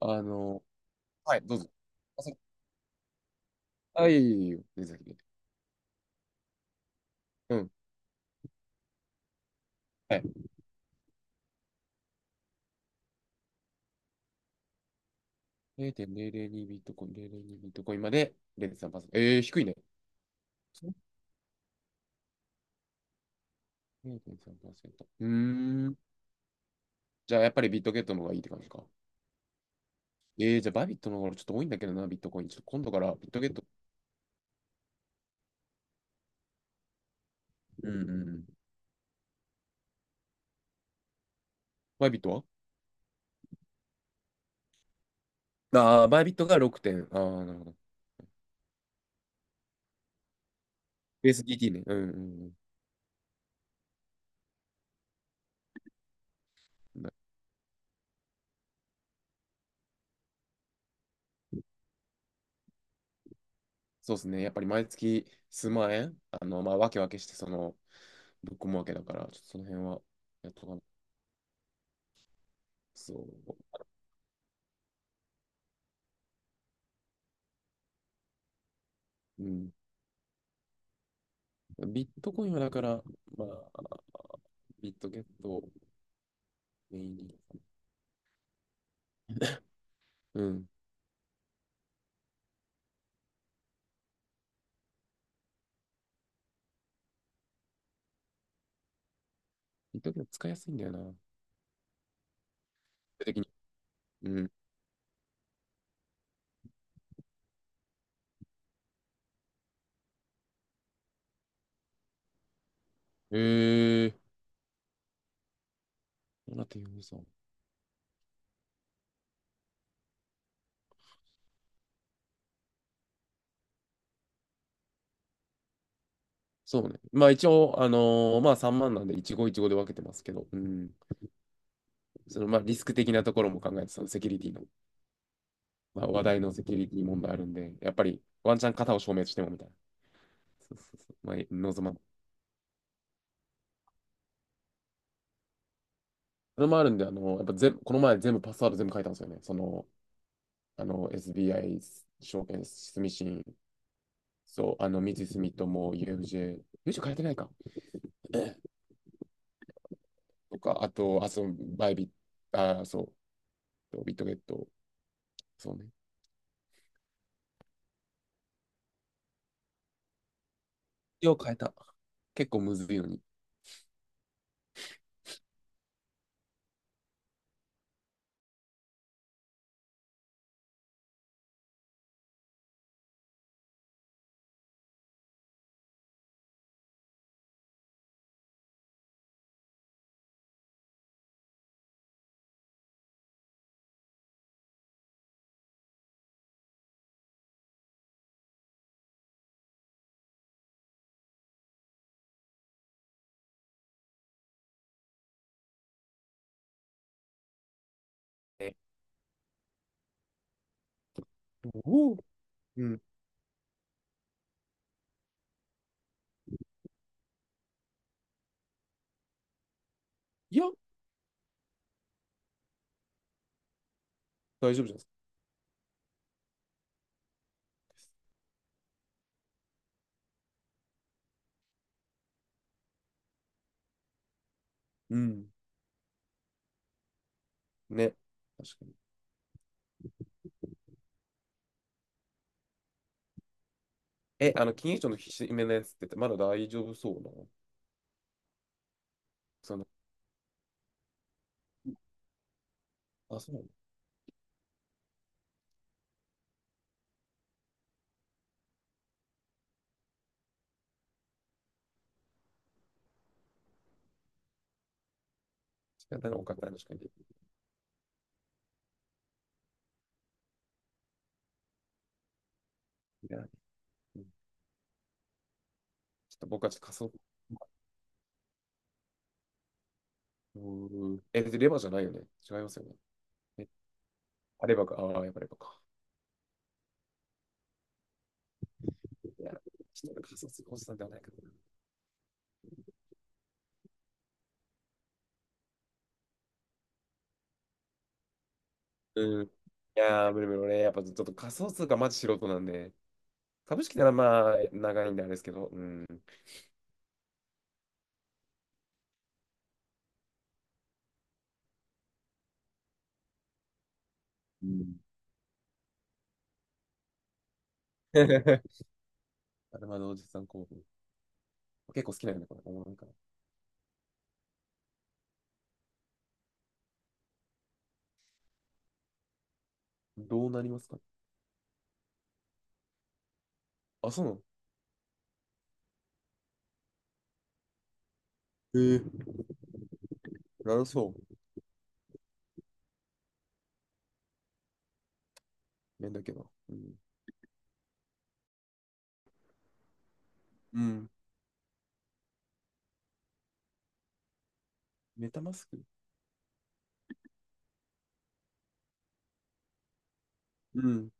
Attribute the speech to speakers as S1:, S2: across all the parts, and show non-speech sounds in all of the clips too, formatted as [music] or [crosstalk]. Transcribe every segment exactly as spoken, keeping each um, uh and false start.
S1: あの、はい、どうぞ。あ、そあ、いえいえいえいえ、全然先で。うん。はい。れいてんれいれいにビットコイン、れいてんれいにビットコインまでれいてんさんパーセント。えー、低いね。そうれいてんさんパーセント。うーん。じゃあ、やっぱりビットゲットの方がいいって感じか。えー、じゃあ、バイビットの方がちょっと多いんだけどな、ビットコイン。ちょっと今度からビットゲット。うんうんうん。バイビットはああー、バイビットがろくてん。ああ、なるほど。ユー s d t ね。うんうんうん。そうですね。やっぱり毎月数万円、あの、まあ、わけわけして、その、ぶっ込むわけだから、ちょっとその辺はやっとかな。そう。うん。ビットコインはだから、まあ、ビットゲットをメインに。うん。ビットゲット使いやすいんだよな。基本的に。うん。へえ。どうなってるんですか？そうね。まあ一応、あのーまあさんまんなんで一期一会で分けてますけど、うん。そのまあリスク的なところも考えて、そのセキュリティの、まあ話題のセキュリティ問題あるんで、やっぱりワンチャン型を証明してもみたいな。そうそうそう。まあ、望まん。それもあるんで、あのーやっぱ全この前全部パスワード全部書いたんですよね。その、あの、エスビーアイ 証券住信、そう、あの、三井住友、ユーエフジェー、u f 変えてないか。とか、あと、あ、そう、バイビット、あ、そう、ビットゲット、そうね。よう変えた。結構むずいのに。え、おお、うん。いや、大丈夫じゃないですか。うん。ね。確かに。え、あの、金融庁のひしめのやつって、まだ大丈夫そうな。その、あ、そうなの。仕方が多かったら確かに。いや、うん、ちょっと僕はちょっと仮想。うーん、え、でレバーじゃないよね。違いますよね。あればか、ああ、やっぱりばか。いや、ちょっと俺仮想通貨おじさんではないけど。うん。いやー、無理無理。俺、やっぱちょっと仮想通貨マジ素人なんで、株式ならまあ、長いんであれですけど、うん。うん。[laughs] あれまだおじさん興奮。結構好きなんだ、これ。おもろいから。どうなりますか？あ、そうなの。ええ、なるそう。面だけど。うん。うん。メタマスク。うん。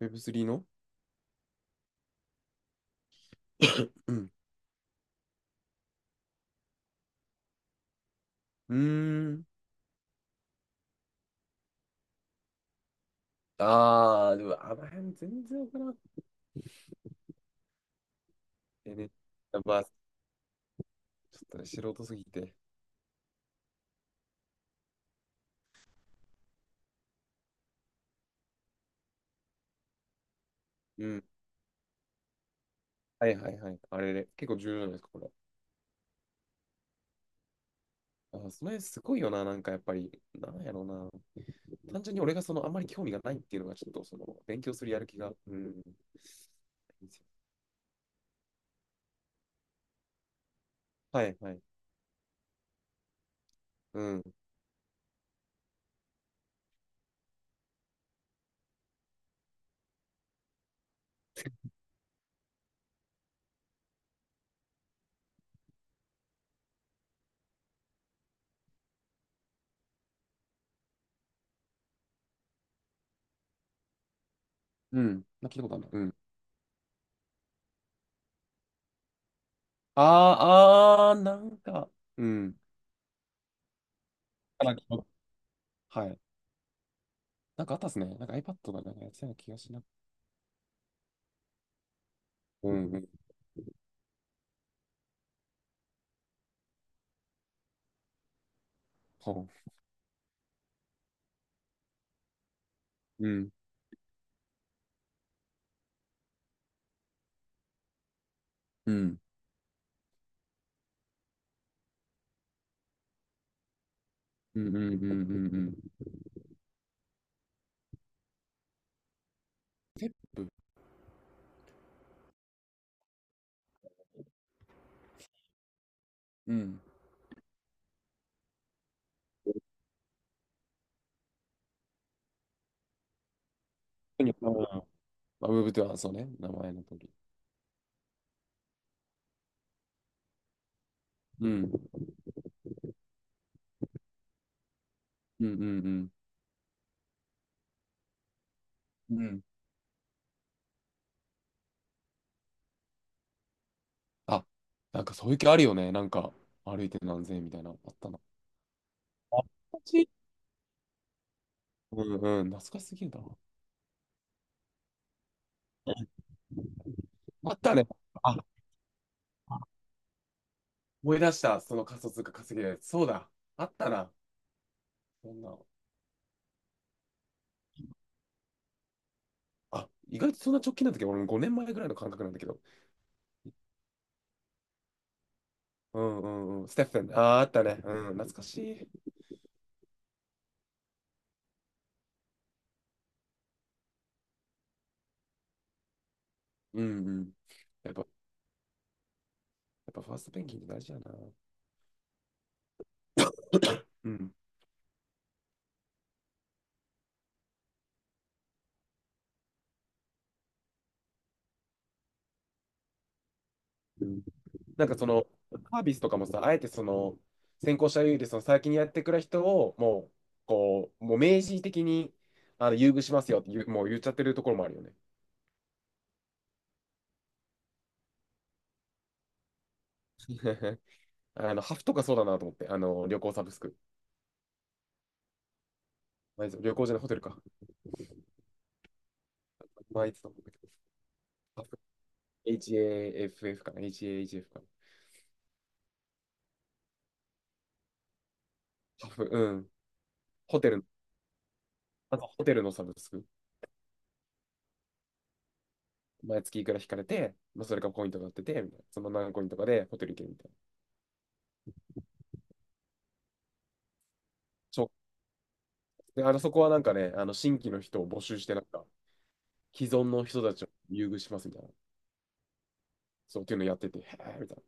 S1: ウェブスリーの [coughs] うん。うーん。ああ、でも、あの辺全然わからん。えね。まあ、ちょっとね、素人すぎて。うん。はいはいはい。あれで結構重要じゃなんですか、これ？あ、それすごいよな、なんかやっぱり、なんやろうな。単純に俺がその、あんまり興味がないっていうのが、ちょっとその、勉強するやる気が。うん。はいはい。うん。うん。な、聞いたことあるな。うん。あー、あー、なんか、うん。なんか、はい。なんかあったっすね。なんか アイパッド がなんかやってたような気がしな。うん。うん。ほう、うん。うん。うん。うん。うん。うん。うん。ステップ。うん。うん。あ、ウェブではそうね、名前の通り。うん。うんうんうん。うん。あ、なんかそういう気あるよね。なんか、歩いて何千円みたいな。あったな。あ、懐かしい。うんうん。懐かしすぎるな。あったね。あ、あ、思い出した。その仮想通貨稼ぎで。そうだ。あったな。そんな。あ、意外とそんな直近なんだけど、俺もごねんまえぐらいの感覚なんだけど。うんうんうん。ステッフェン。あー、あったね。うん、懐かしい。うんうん。やっぱ、やっぱファーストペンギンって大事やな。うん。うん。なんかその、サービスとかもさ、あえてその、先行者優位で、その先にやってくれる人を、もう、こう、もう明示的に、あの、優遇しますよって言う、もう言っちゃってるところもあるよね。[laughs] あの、ハフとかそうだなと思って、あの、旅行サブスク。まあいつ旅行じゃない、ホテルか。まあ、いつだと思うんだけど、ハフ、 エイチエーエフエフ かな、エイチエーエイチエフ かな。ハフ、うん。ホテル、まずホテルのサブスク。毎月いくら引かれて、まあ、それがポイントになってて、みたいな。その何コインとかでホテル行けるみたいな。ちょ、で、あの、そこはなんかね、あの、新規の人を募集して、なんか、既存の人たちを優遇しますみたいな。そうっていうのやってて、へえ、みたいな。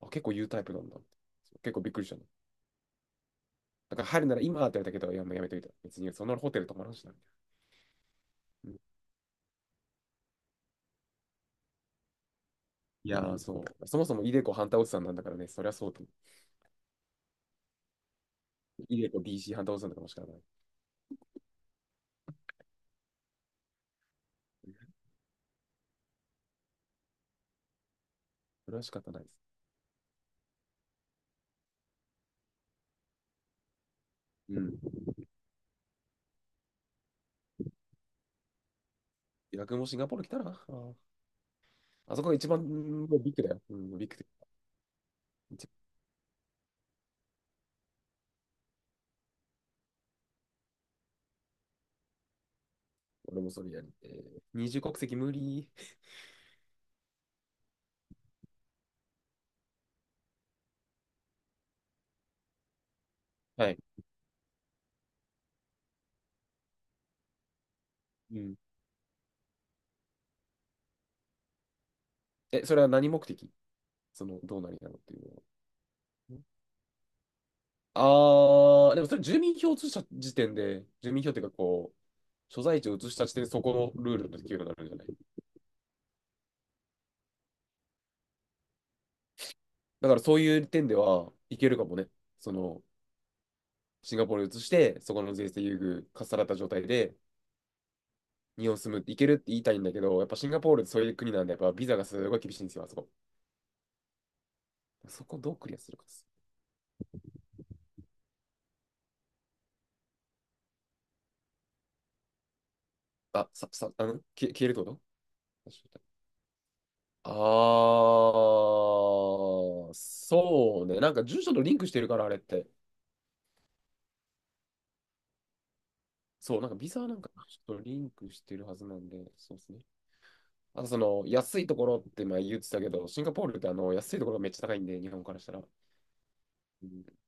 S1: あ、結構言うタイプなんだ。結構びっくりしたの。だから入るなら今って言われたけど、いや、もうやめといた。別にそんなホテル泊まらんしな。うん、いやー、そう。そもそもイデコハンターおじさんなんだからね、そりゃそうと。イデコ b c ハンター反対おじさんだからもしかない。それは仕方ないです。うん。逆もシンガポール来たら、あ、あそこが一番、うん、ビッグだよ。うん、ビッグで。一、俺もそれやり。えー、二重国籍無理。はい。うん。え、それは何目的？その、どうなりなのっていうのは。ああ、でもそれ住民票を移した時点で、住民票っていうかこう、所在地を移した時点でそこのルールの適用になるんじゃない？だからそういう点ではいけるかもね。その、シンガポールに移して、そこの税制優遇かっさらった状態で、日本住むっていけるって言いたいんだけど、やっぱシンガポールってそういう国なんで、やっぱビザがすごい厳しいんですよ、あそこ。そこをどうクリアするかです。あ、さ、さ、あの、消え消えるってこと？ああー、そうね。なんか住所とリンクしてるから、あれって。そう、なんかビザはなんかちょっとリンクしてるはずなんで、そうですね。あとその安いところって前言ってたけど、シンガポールってあの安いところがめっちゃ高いんで、日本からしたら。うん、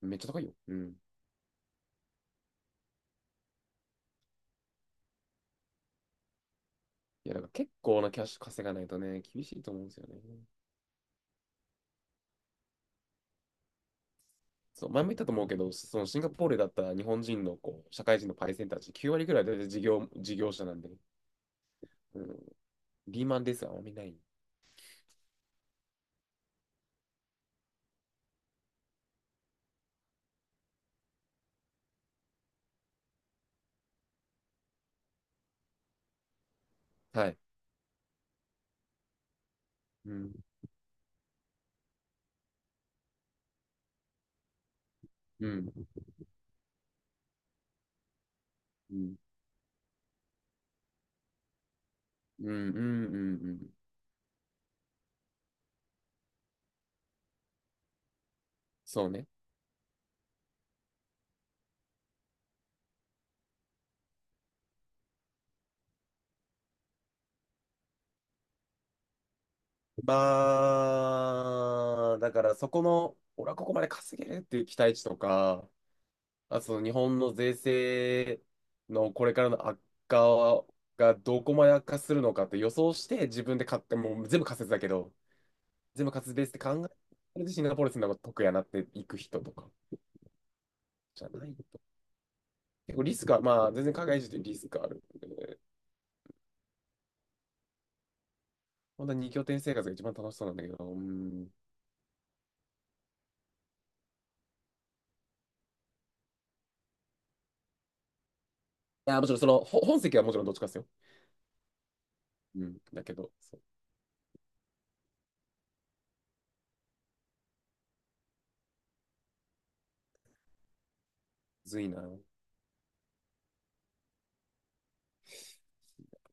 S1: めっちゃ高いよ。うん。いや、なんか結構なキャッシュ稼がないとね、厳しいと思うんですよね。そう、前も言ったと思うけど、そのシンガポールだったら日本人のこう社会人のパイセンたちきゅう割ぐらい大体事業、事業者なんで、うん、リーマンですあんまりない。はい。うん、うん、うん、うん、うん、うん。うん、そうね。まあ、だからそこの、俺はここまで稼げるっていう期待値とか、あ、その日本の税制のこれからの悪化がどこまで悪化するのかって予想して自分で買って、もう全部仮説だけど、全部仮説ベースで考え、それでシンガポール住んだ方が得やなっていく人とかじゃない。結構リスクは、まあ全然海外移住ってリスクある。本当に二拠点生活が一番楽しそうなんだけど、うん。いや、もちろんその、ほ本籍はもちろんどっちかですよ。うん。だけど、そう、むずいな。